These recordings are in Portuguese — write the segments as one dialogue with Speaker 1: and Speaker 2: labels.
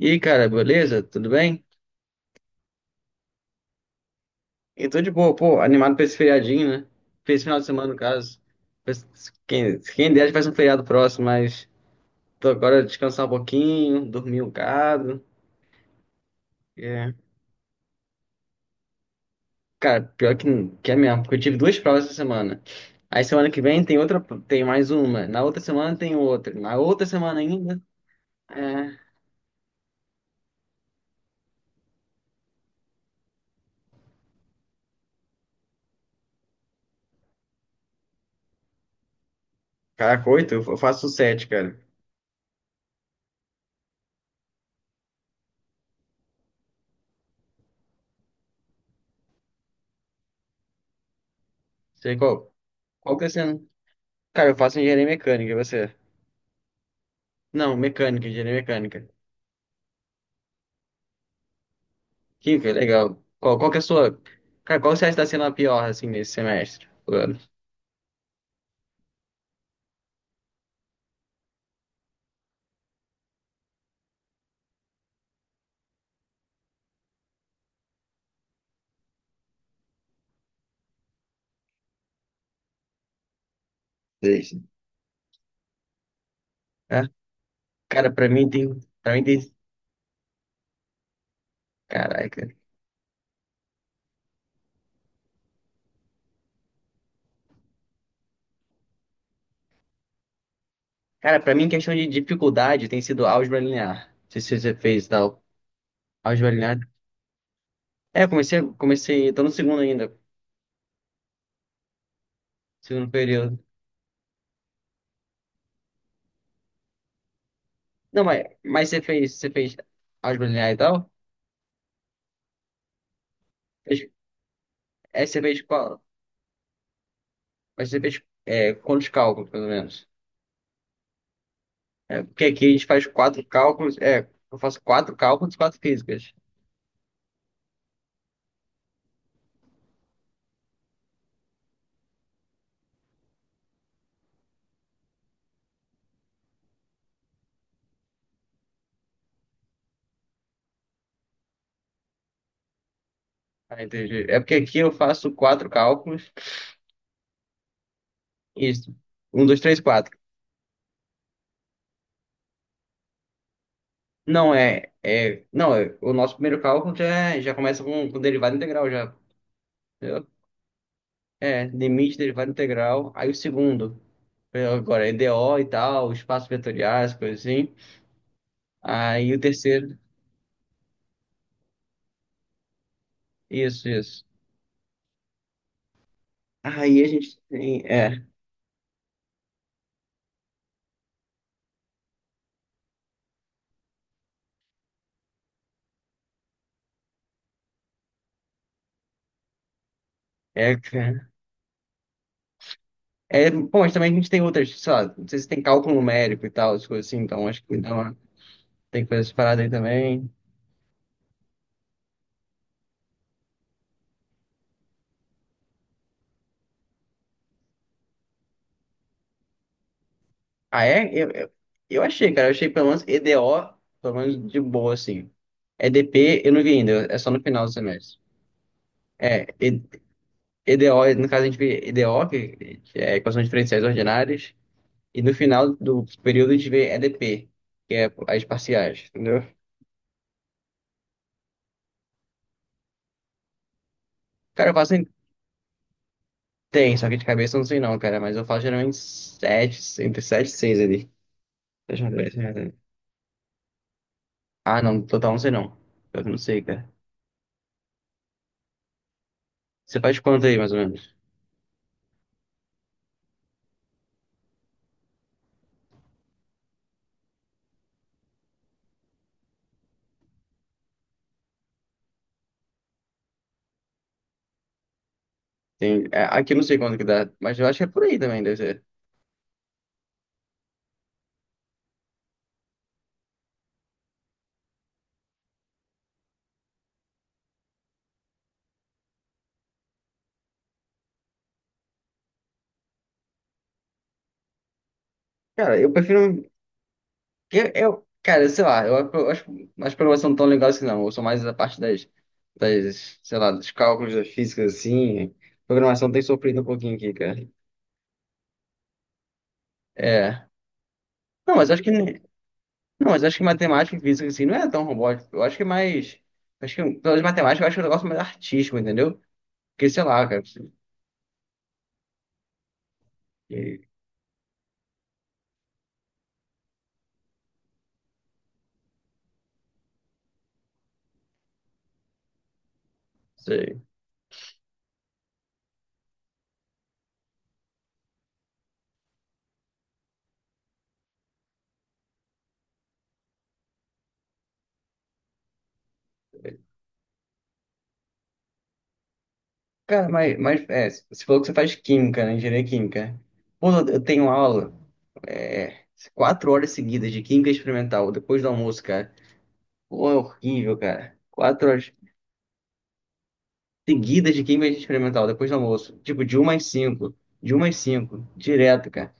Speaker 1: E aí, cara, beleza? Tudo bem? Eu tô de boa, pô, animado pra esse feriadinho, né? Pra esse final de semana, no caso. Quem der, faz um feriado próximo, mas tô agora descansar um pouquinho, dormir um bocado. É. Cara, pior que é mesmo, porque eu tive duas provas essa semana. Aí semana que vem tem outra, tem mais uma. Na outra semana tem outra. Na outra semana ainda. É. Caraca, oito, eu faço sete, cara. Sei qual. Qual que é sendo? Cara, eu faço engenharia mecânica, e você? Não, mecânica, engenharia mecânica. Que legal. Qual que é a sua. Cara, qual você acha que tá sendo a pior, assim, nesse semestre? Do ano? Deixa. É? Cara, pra mim tem. Pra mim tem. Caraca. Cara, pra mim, questão de dificuldade tem sido álgebra linear. Não sei se você fez e tal. Álgebra linear. É, eu comecei. Tô no segundo ainda. Segundo período. Não, mas você fez. Você fez álgebra linear e tal? Fez- É, você fez qual? Mas você fez quantos cálculos, pelo menos? É, porque aqui a gente faz quatro cálculos. É, eu faço quatro cálculos, e quatro físicas. Ah, entendi. É porque aqui eu faço quatro cálculos. Isso. Um, dois, três, quatro. Não, é. É não, é, o nosso primeiro cálculo já, já começa com derivada integral, já. Entendeu? É, limite, derivada integral. Aí o segundo. Agora, é EDO e tal, espaços vetoriais, coisa assim. Aí o terceiro. Isso, isso. Aí a gente tem. É. É, cara. Bom, mas também a gente tem outras, sei lá, não sei se tem cálculo numérico e tal, as coisas assim, então acho que dá tem coisas paradas aí também. Ah, é? Eu achei, cara. Eu achei pelo menos EDO, pelo menos de boa, assim. EDP eu não vi ainda, é só no final do semestre. É, EDO, no caso a gente vê EDO, que é equações diferenciais ordinárias, e no final do período a gente vê EDP, que é as parciais, entendeu? Cara, eu faço em 10, só que de cabeça eu não sei não, cara, mas eu faço geralmente 7 entre 7 e 6 ali. Deixa eu ver. Ah, não, total não sei não. Eu não sei, cara. Você faz quanto aí, mais ou menos? Tem, é, aqui eu não sei quanto que dá, mas eu acho que é por aí também, deve ser. Cara, eu prefiro. Cara, sei lá, eu acho as provas são tão legais assim, não. Eu sou mais a parte sei lá, dos cálculos das físicas, assim. Programação tem sofrido um pouquinho aqui, cara. É. Não, mas acho que. Ne- Não, mas acho que matemática e física, assim, não é tão robótico. Eu acho que é mais. Acho que, pelas matemática, eu acho que é um negócio mais artístico, entendeu? Porque, sei lá, cara. Sei. Sei. Cara, mas é, você falou que você faz química, né? Engenharia química. Pô, eu tenho aula, é, quatro horas seguidas de química experimental, depois do almoço, cara. Pô, é horrível, cara. Quatro horas seguidas de química experimental, depois do almoço. Tipo, de uma às cinco. De uma às cinco. Direto, cara.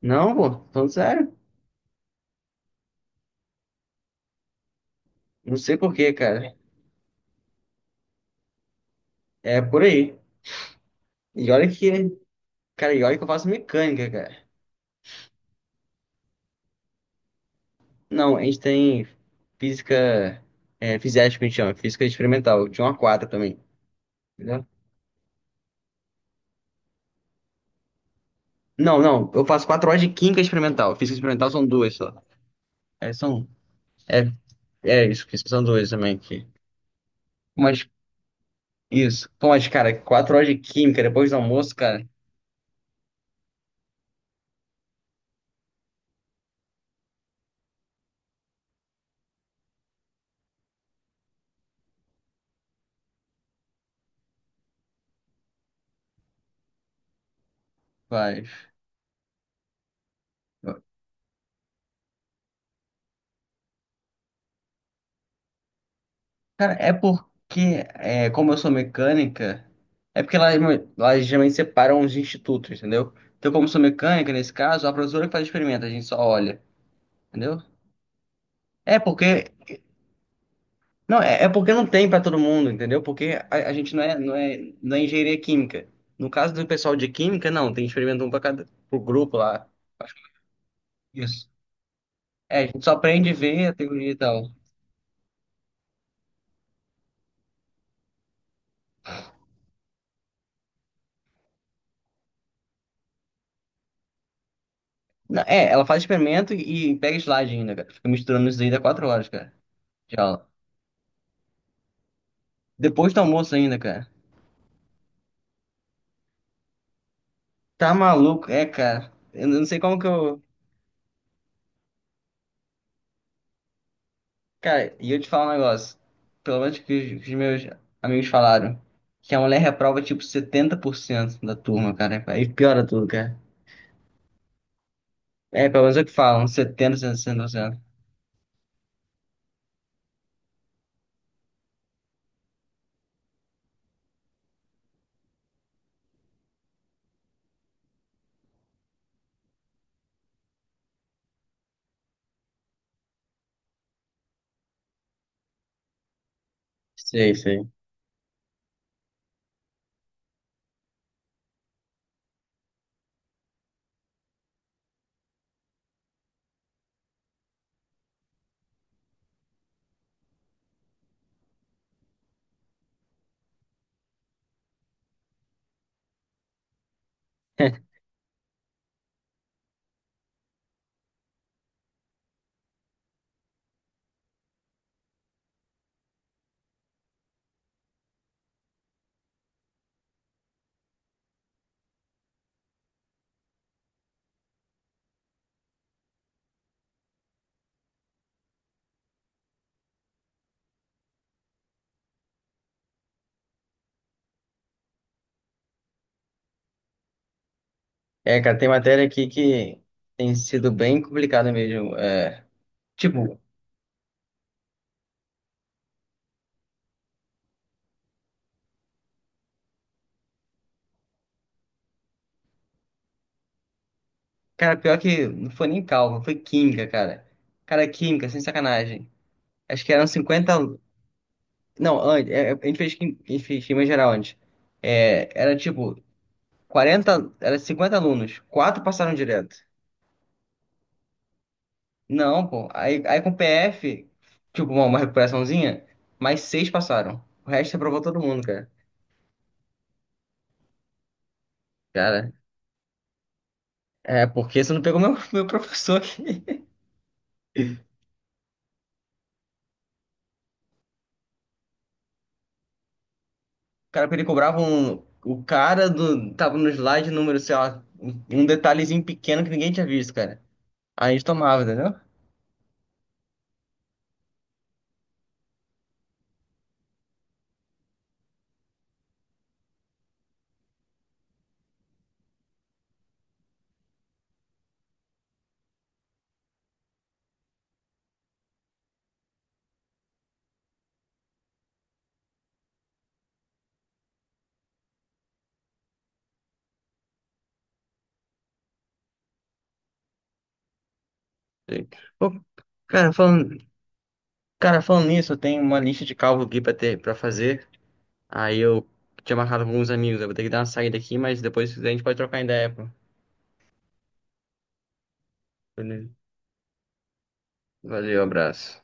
Speaker 1: Não, pô, falando sério. Não sei por quê, cara. É por aí. E olha que, cara, e olha que eu faço mecânica, cara. Não, a gente tem física, fisiética, que a gente chama, física experimental, de um a quatro também. Não, não. Eu faço quatro horas de química experimental. Física experimental são duas só. É, são. É, é isso, que são duas também aqui. Mas, isso. Pô, mas, cara, quatro horas de química depois do almoço, cara, faz. Cara, é porque, como eu sou mecânica, é porque lá geralmente separam os institutos, entendeu? Então, como eu sou mecânica, nesse caso, a professora que faz o experimento, a gente só olha, entendeu? É porque Não, é porque não tem para todo mundo, entendeu? Porque a gente não é engenharia química. No caso do pessoal de química, não, tem experimento um para cada pro grupo lá. Isso. É, a gente só aprende a ver a teoria e tal. Não, é, ela faz experimento e pega slide ainda, cara. Fica misturando isso aí dá quatro horas, cara, de aula. Depois do almoço ainda, cara. Tá maluco, é, cara. Eu não sei como que eu. Cara, e eu te falo um negócio. Pelo menos que os meus amigos falaram. Que a mulher reprova tipo 70% da turma, cara. Aí piora tudo, cara. É, pelo menos é o que falam, 70, cento. Sei, sei. É, cara, tem matéria aqui que tem sido bem complicada mesmo. É, tipo, cara, pior que não foi nem cálculo, foi química, cara. Cara, química, sem sacanagem. Acho que eram 50 Não, antes, a gente fez, a gente fez química geral antes. É, era tipo 40 era 50 alunos, quatro passaram direto. Não, pô. Aí com PF, tipo, uma recuperaçãozinha, mais seis passaram. O resto aprovou todo mundo, cara. Cara, é porque você não pegou meu, meu professor aqui. O cara, ele cobrava um. O cara do. Tava no slide número, sei lá, um detalhezinho pequeno que ninguém tinha visto, cara. Aí a gente tomava, entendeu? Sei. Pô, cara, falando, cara, falando nisso, eu tenho uma lista de cálculo aqui pra ter, pra fazer. Aí eu tinha marcado com alguns amigos. Eu vou ter que dar uma saída aqui, mas depois a gente pode trocar ideia, pô. Beleza. Valeu, abraço.